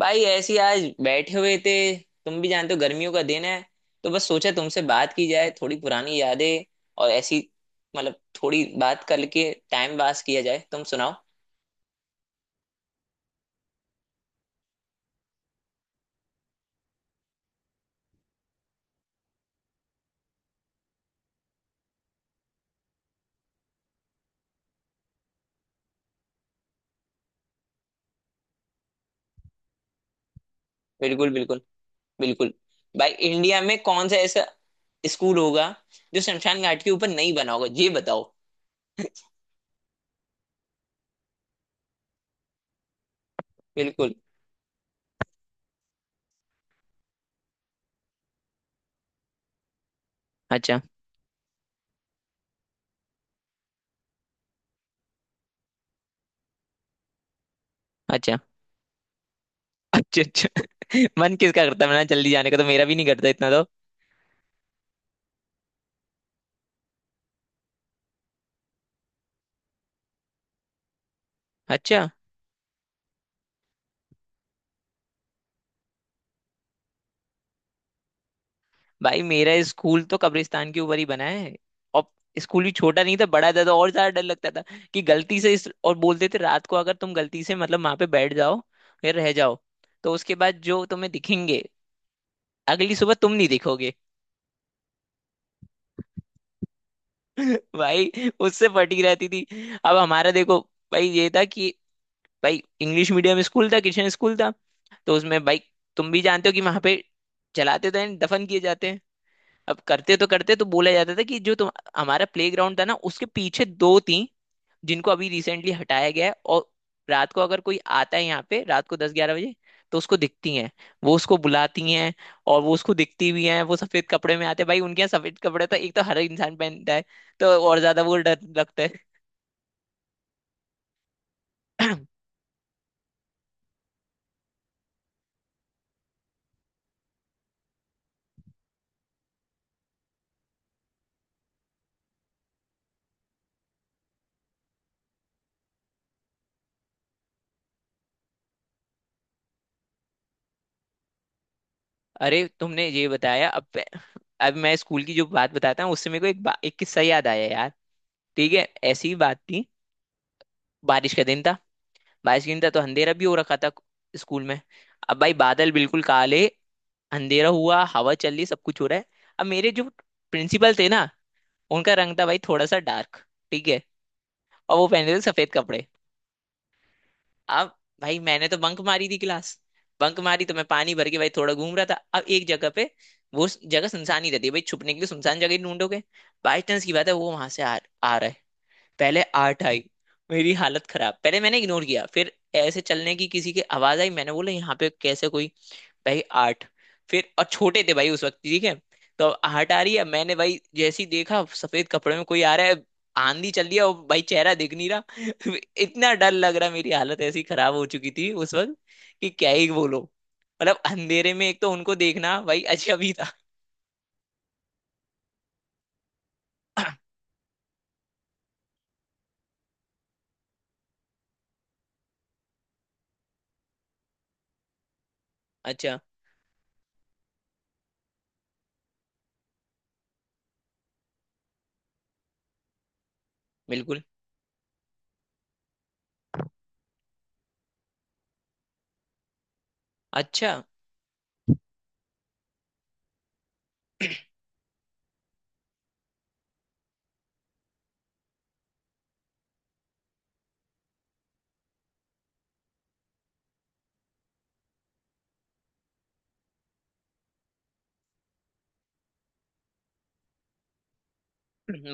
भाई ऐसी आज बैठे हुए थे। तुम भी जानते हो, गर्मियों का दिन है, तो बस सोचा तुमसे बात की जाए, थोड़ी पुरानी यादें और ऐसी, मतलब थोड़ी बात करके टाइम पास किया जाए। तुम सुनाओ। बिल्कुल, बिल्कुल, बिल्कुल। भाई इंडिया में कौन सा ऐसा स्कूल होगा जो शमशान घाट के ऊपर नहीं बना होगा, ये बताओ। बिल्कुल। अच्छा, अच्छा। अच्छा, अच्छा। मन किसका करता है ना जल्दी जाने का? तो मेरा भी नहीं करता इतना तो। अच्छा। भाई मेरा स्कूल तो कब्रिस्तान के ऊपर ही बना है। और स्कूल भी छोटा नहीं था, बड़ा था, तो और ज्यादा डर लगता था कि गलती से इस और बोलते थे, रात को अगर तुम गलती से मतलब वहां पे बैठ जाओ या रह जाओ, तो उसके बाद जो तुम्हें दिखेंगे, अगली सुबह तुम नहीं दिखोगे। भाई उससे फटी रहती थी। अब हमारा देखो भाई, ये था कि भाई इंग्लिश मीडियम स्कूल था, किशन स्कूल था। तो उसमें भाई तुम भी जानते हो कि वहां पे जलाते तो हैं, दफन किए जाते हैं। अब करते तो बोला जाता था कि जो तुम, हमारा प्ले ग्राउंड था ना, उसके पीछे दो थी, जिनको अभी रिसेंटली हटाया गया है। और रात को अगर कोई आता है यहाँ पे, रात को 10-11 बजे, तो उसको दिखती हैं, वो उसको बुलाती हैं। और वो उसको दिखती भी हैं। वो सफेद कपड़े में आते हैं भाई, उनके यहाँ सफेद कपड़े तो एक तो हर इंसान पहनता है, तो और ज्यादा वो डर लगता है। अरे तुमने ये बताया अब। अब मैं स्कूल की जो बात बताता हूँ, उससे मेरे को एक किस्सा याद आया यार। ठीक है। ऐसी ही बात थी। बारिश का दिन था। 22 घंटा तो अंधेरा भी हो रखा था स्कूल में। अब भाई बादल बिल्कुल काले, अंधेरा हुआ, हवा चल रही, सब कुछ हो रहा है। अब मेरे जो प्रिंसिपल थे ना, उनका रंग था भाई थोड़ा सा डार्क, ठीक है, और वो पहने थे सफेद कपड़े। अब भाई मैंने तो बंक मारी थी क्लास। बंक मारी तो मैं पानी भर के भाई थोड़ा घूम रहा था। अब एक जगह पे, वो जगह सुनसान ही रहती है भाई, छुपने के लिए सुनसान जगह ही ढूंढोगे। बाई चांस की बात है वो वहां से आ रहा है। पहले आठ आई, मेरी हालत खराब। पहले मैंने इग्नोर किया, फिर ऐसे चलने की किसी की आवाज आई। मैंने बोला यहाँ पे कैसे कोई। भाई आठ। फिर और छोटे थे भाई उस वक्त, ठीक है। तो अब आठ आ रही है। मैंने भाई जैसे ही देखा, सफेद कपड़े में कोई आ रहा है, आंधी चल रही है, और भाई चेहरा दिख नहीं रहा। इतना डर लग रहा, मेरी हालत ऐसी खराब हो चुकी थी उस वक्त कि क्या ही बोलो। मतलब अंधेरे में एक तो उनको देखना भाई अजब ही था। अच्छा। बिल्कुल। अच्छा।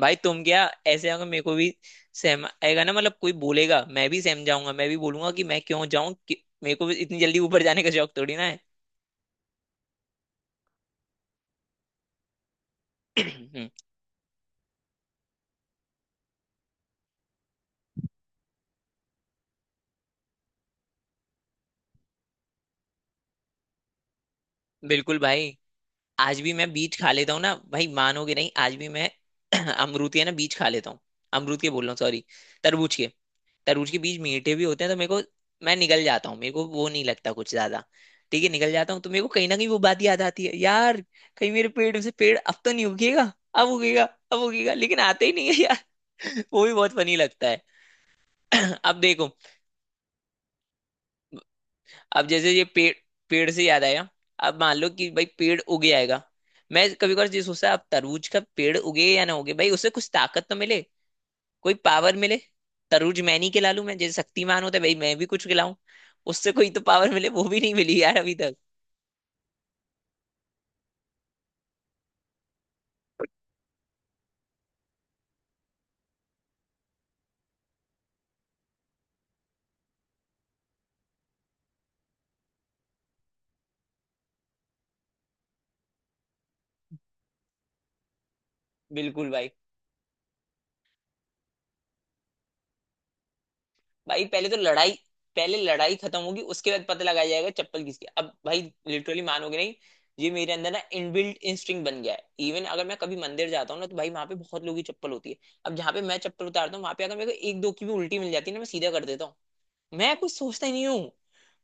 भाई तुम क्या, ऐसे अगर मेरे को भी, सहम आएगा ना? मतलब कोई बोलेगा मैं भी सहम जाऊंगा, मैं भी बोलूंगा कि मैं क्यों जाऊं? कि मेरे को भी इतनी जल्दी ऊपर जाने का शौक थोड़ी ना है। बिल्कुल भाई। आज भी मैं बीज खा लेता हूँ ना भाई, मानोगे नहीं, आज भी मैं अमरूद के ना बीज खा लेता हूँ। अमरूद के बोल रहा हूँ, सॉरी, तरबूज के। तरबूज के बीज मीठे भी होते हैं तो मेरे को, मैं निगल जाता हूँ, मेरे को वो नहीं लगता कुछ ज्यादा। ठीक है, निगल जाता हूँ, तो मेरे को कहीं ना कहीं वो बात याद आती है यार, कहीं मेरे पेड़ से, पेड़ अब तो नहीं उगेगा। अब उगेगा, अब उगेगा, लेकिन आते ही नहीं है यार। वो भी बहुत फनी लगता है। अब देखो, अब जैसे ये पेड़, पेड़ से याद आया, अब मान लो कि भाई पेड़ उग जाएगा। मैं कभी कभार ये सोचता है, अब तरबूज का पेड़ उगे या ना उगे, भाई उससे कुछ ताकत तो मिले, कोई पावर मिले। तरूज मैं नहीं खिला लूं, मैं जैसे शक्तिमान होता है भाई, मैं भी कुछ खिलाऊं, उससे कोई तो पावर मिले। वो भी नहीं मिली यार अभी तक। बिल्कुल भाई। भाई पहले तो लड़ाई, पहले लड़ाई खत्म होगी, उसके बाद पता लगाया जाएगा चप्पल किसकी। अब भाई लिटरली मानोगे नहीं, ये मेरे अंदर ना इनबिल्ट इंस्टिंक्ट बन गया है। इवन अगर मैं कभी मंदिर जाता हूँ ना, तो भाई वहां पे बहुत लोगों की चप्पल होती है। अब जहाँ पे मैं चप्पल उतारता हूँ, वहां पे अगर मेरे को एक दो की भी उल्टी मिल जाती है ना, मैं सीधा कर देता हूँ। मैं कुछ सोचता ही नहीं हूँ।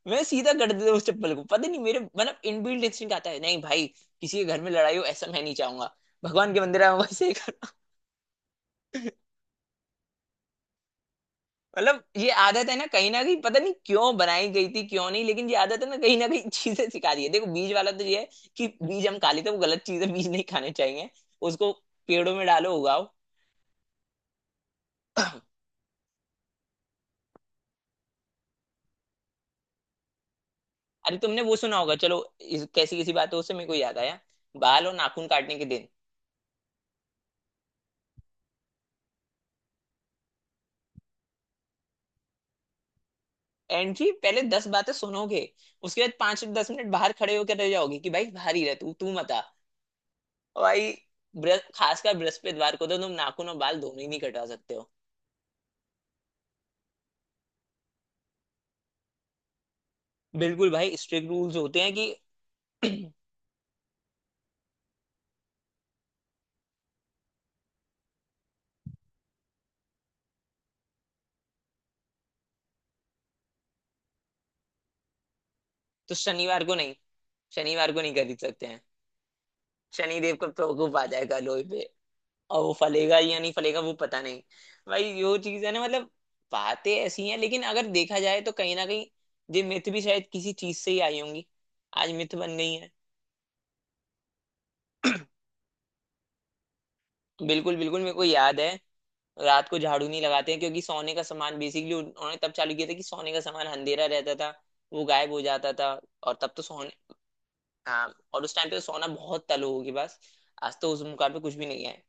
मैं सीधा कर देता हूँ उस चप्पल को, पता नहीं मेरे मतलब इनबिल्ट इंस्टिंक्ट आता है, नहीं भाई किसी के घर में लड़ाई हो ऐसा मैं नहीं चाहूंगा, भगवान के मंदिर में वैसे ही कर। मतलब ये आदत है ना कहीं ना कहीं, पता नहीं क्यों बनाई गई थी क्यों नहीं, लेकिन ये आदत है ना, कहीं ना कहीं चीजें सिखा रही है। देखो बीज वाला तो ये है कि बीज हम खा लेते हैं, वो गलत चीजें, बीज नहीं खाने चाहिए, उसको पेड़ों में डालो उगाओ। अरे तुमने वो सुना होगा, चलो कैसी कैसी बात है, उससे मेरे को याद आया, बाल और नाखून काटने के दिन। एंड की पहले 10 बातें सुनोगे, उसके बाद 5-10 मिनट बाहर खड़े होकर रह जाओगे कि भाई बाहर ही रह, तू तू मत आ। और भाई खासकर बृहस्पतिवार को तो तुम नाखून और बाल दोनों ही नहीं कटवा सकते हो। बिल्कुल भाई, स्ट्रिक्ट रूल्स होते हैं कि तो शनिवार को नहीं, शनिवार को नहीं खरीद सकते हैं। शनिदेव का प्रकोप आ जाएगा लोहे पे। और वो फलेगा या नहीं फलेगा वो पता नहीं। भाई यो चीज है ना मतलब, बातें ऐसी हैं, लेकिन अगर देखा जाए तो कहीं ना कहीं ये मिथ भी शायद किसी चीज से ही आई होंगी, आज मिथ बन गई है। बिल्कुल, बिल्कुल, मेरे को याद है। रात को झाड़ू नहीं लगाते हैं क्योंकि सोने का सामान, बेसिकली उन्होंने तब चालू किया था कि सोने का सामान, अंधेरा रहता था, वो गायब हो जाता था। और तब तो सोने, हाँ, और उस टाइम पे तो सोना बहुत था लोगों के पास। आज तो उस मुकाम पे कुछ भी नहीं है।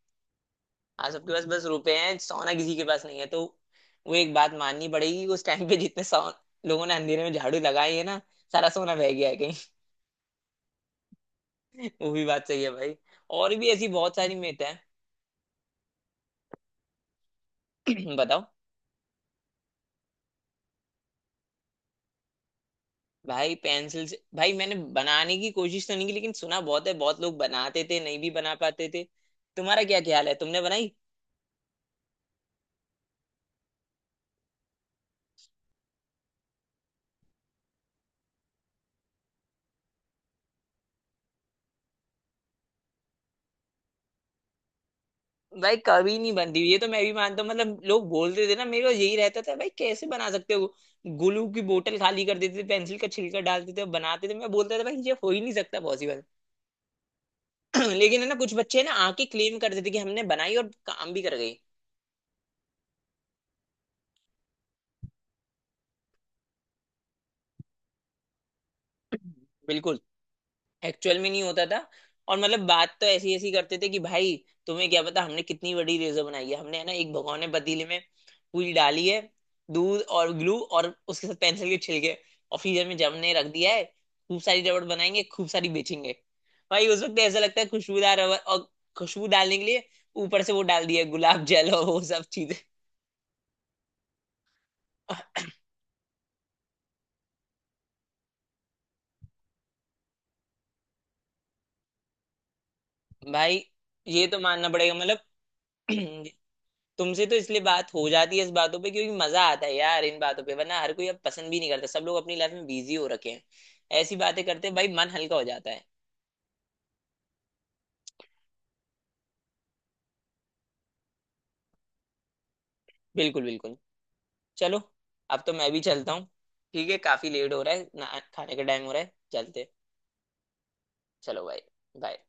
आज सबके पास बस रुपए हैं, सोना किसी के पास नहीं है तो। वो एक बात माननी पड़ेगी, उस टाइम पे जितने 100 लोगों ने अंधेरे में झाड़ू लगाई है ना, सारा सोना बह गया है कहीं। वो भी बात सही है भाई। और भी ऐसी बहुत सारी मिथ है। बताओ। भाई पेंसिल से, भाई मैंने बनाने की कोशिश तो नहीं की, लेकिन सुना बहुत है, बहुत लोग बनाते थे, नहीं भी बना पाते थे। तुम्हारा क्या ख्याल है, तुमने बनाई? भाई कभी नहीं बनती, ये तो मैं भी मानता हूँ। मतलब लोग बोलते थे ना, मेरे को यही रहता था भाई कैसे बना सकते हो। ग्लू की बोतल खाली कर देते थे, पेंसिल का छिलका डालते थे और बनाते थे। मैं बोलता था भाई ये हो ही नहीं सकता पॉसिबल। लेकिन है ना, कुछ बच्चे ना आके क्लेम करते थे कि हमने बनाई, और काम भी कर गई। बिल्कुल, एक्चुअल में नहीं होता था। और मतलब बात तो ऐसी ऐसी करते थे कि भाई, तुम्हें क्या पता हमने कितनी बड़ी रेजर बनाई है, हमने है ना एक भगोने पतीले में पूरी डाली है, दूध और ग्लू और उसके साथ पेंसिल के छिलके, और फ्रीजर में जमने रख दिया है। खूब सारी रबड़ बनाएंगे, खूब सारी बेचेंगे। भाई उस वक्त ऐसा लगता है, खुशबूदार रबड़, और खुशबू डालने के लिए ऊपर से वो डाल दिया गुलाब जल और वो सब चीजें। भाई ये तो मानना पड़ेगा मतलब। तुमसे तो इसलिए बात हो जाती है इस बातों पे, क्योंकि मजा आता है यार इन बातों पे, वरना हर कोई अब पसंद भी नहीं करता, सब लोग अपनी लाइफ में बिजी हो रखे हैं। ऐसी बातें करते हैं भाई, मन हल्का हो जाता है। बिल्कुल, बिल्कुल। चलो, अब तो मैं भी चलता हूँ। ठीक है, काफी लेट हो रहा है ना, खाने का टाइम हो रहा है, चलते। चलो भाई। बाय।